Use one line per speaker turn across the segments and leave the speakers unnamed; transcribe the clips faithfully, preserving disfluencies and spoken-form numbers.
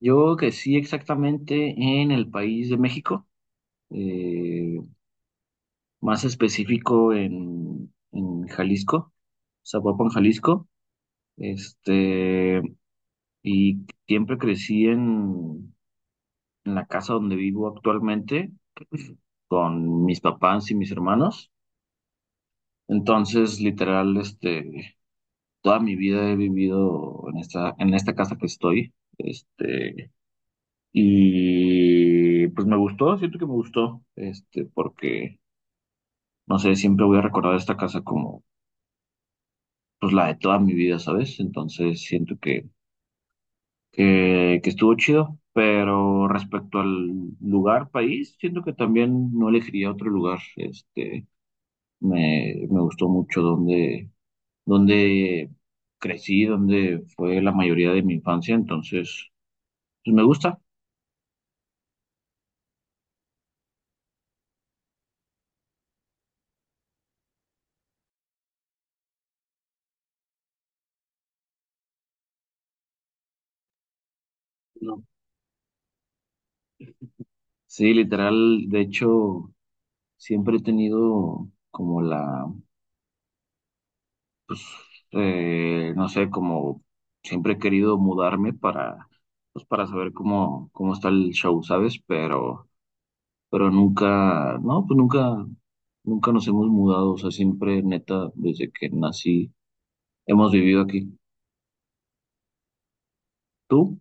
Yo crecí exactamente en el país de México, eh, más específico en, en Jalisco, Zapopan, Jalisco. Este, y siempre crecí en, en la casa donde vivo actualmente con mis papás y mis hermanos. Entonces, literal, este, toda mi vida he vivido en esta, en esta casa que estoy. Este, y pues me gustó, siento que me gustó, este, porque no sé, siempre voy a recordar esta casa como pues la de toda mi vida, ¿sabes? Entonces siento que, que, que estuvo chido, pero respecto al lugar, país, siento que también no elegiría otro lugar. Este, me, me gustó mucho donde, donde crecí, donde fue la mayoría de mi infancia, entonces pues me gusta. No. Sí, literal, de hecho, siempre he tenido como la pues, eh, no sé, como siempre he querido mudarme para, pues, para saber cómo, cómo está el show, ¿sabes? Pero, pero nunca, no, pues nunca, nunca nos hemos mudado, o sea, siempre, neta, desde que nací, hemos vivido aquí. ¿Tú?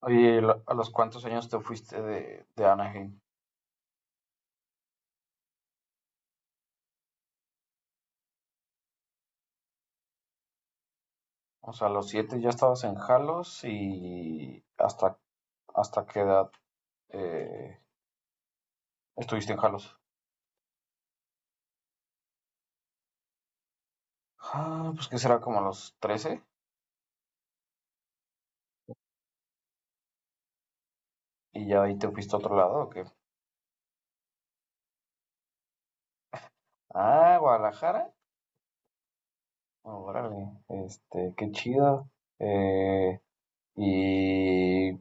Oye, ¿y ¿lo- ¿a los cuántos años te fuiste de, de Anaheim? O sea, a los siete ya estabas en Jalos. ¿Y hasta, hasta qué edad eh, estuviste en Jalos? Ah, pues que será como a los trece. ¿Y ya ahí te fuiste a otro lado o qué? Ah, Guadalajara. Órale, este, qué chido. Eh, ¿Y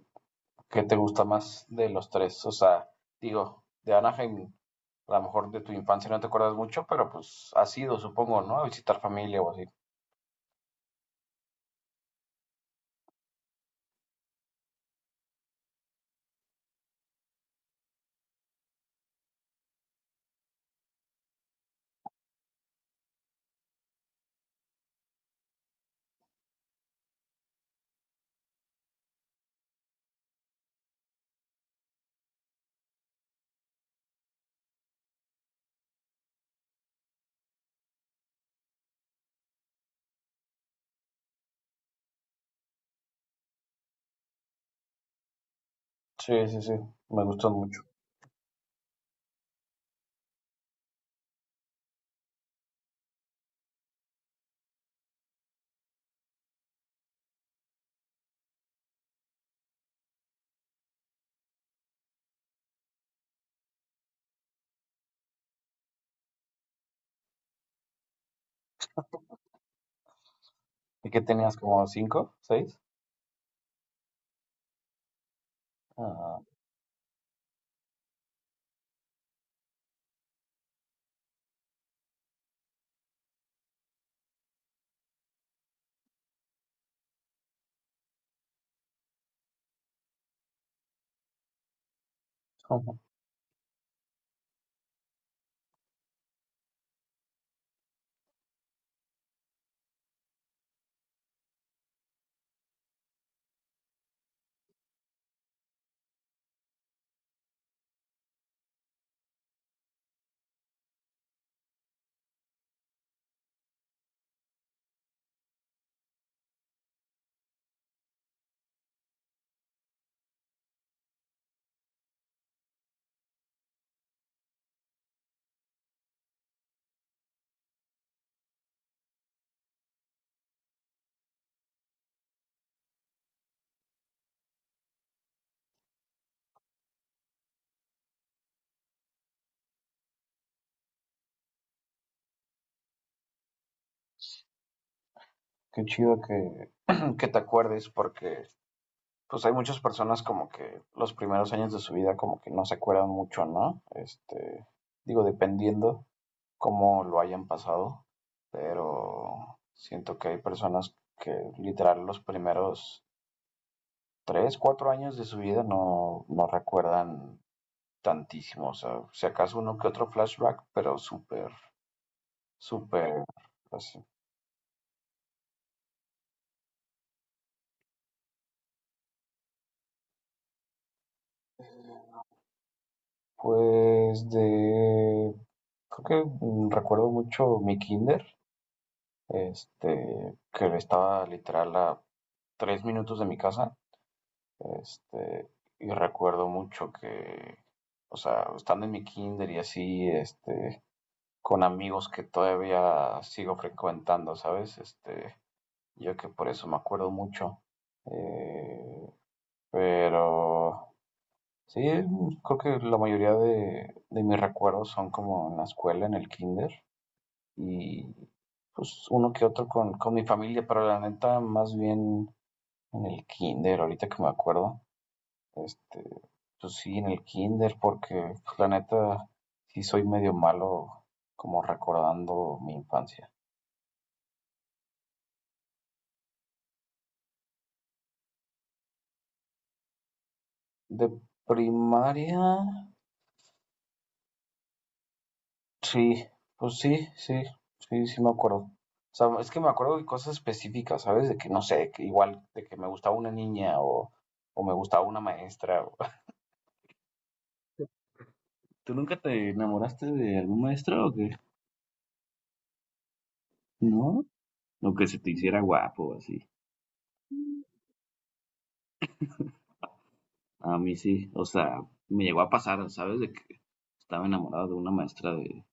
qué te gusta más de los tres? O sea, digo, de Anaheim, a lo mejor de tu infancia no te acuerdas mucho, pero pues has ido, supongo, ¿no? A visitar familia o así. Sí, sí, sí, me gustó mucho. ¿Y qué tenías como cinco, seis? Ah, ujú. Qué chido que, que te acuerdes porque pues hay muchas personas como que los primeros años de su vida como que no se acuerdan mucho, ¿no? Este, digo, dependiendo cómo lo hayan pasado, pero siento que hay personas que literal los primeros tres, cuatro años de su vida no, no recuerdan tantísimo, o sea, si acaso uno que otro flashback, pero súper, súper, así. Pues de, creo que mm, recuerdo mucho mi kinder, este, que estaba literal a tres minutos de mi casa, este, y recuerdo mucho que, o sea, estando en mi kinder y así, este, con amigos que todavía sigo frecuentando, ¿sabes? Este, yo que por eso me acuerdo mucho. Eh, pero sí, creo que la mayoría de, de mis recuerdos son como en la escuela, en el kinder. Y pues uno que otro con, con mi familia, pero la neta, más bien en el kinder, ahorita que me acuerdo, este, pues sí, en el kinder, porque pues, la neta, sí soy medio malo como recordando mi infancia. De primaria, sí, pues sí, sí, sí, sí me acuerdo. O sea, es que me acuerdo de cosas específicas, ¿sabes? De que no sé, que igual de que me gustaba una niña o, o me gustaba una maestra. ¿Tú nunca te enamoraste de algún maestro o qué? ¿No? O que se te hiciera guapo, o así. A mí sí, o sea, me llegó a pasar, ¿sabes? De que estaba enamorado de una maestra de,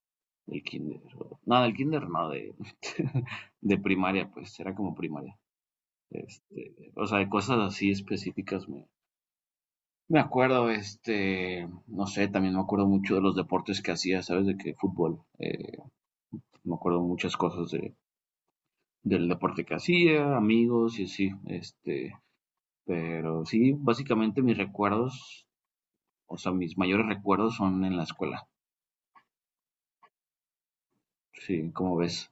del kinder. o- No, del kinder no, de, de primaria, pues, era como primaria. Este, o sea, de cosas así específicas me, me acuerdo, este, no sé, también me acuerdo mucho de los deportes que hacía, ¿sabes? De que fútbol, eh, me acuerdo muchas cosas de, del deporte que hacía, amigos y así, este, pero sí, básicamente mis recuerdos, o sea, mis mayores recuerdos son en la escuela. Sí, como ves.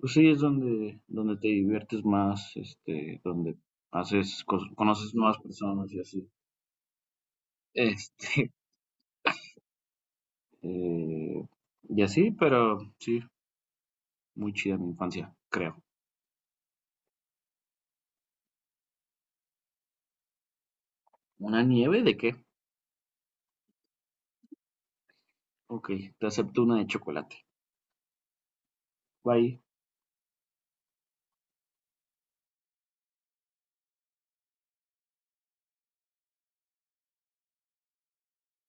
Pues sí, es donde, donde te diviertes más, este, donde haces, cos- conoces nuevas personas y así. Este, y así, pero sí, muy chida mi infancia, creo. ¿Una de qué? Ok, te acepto chocolate. Bye.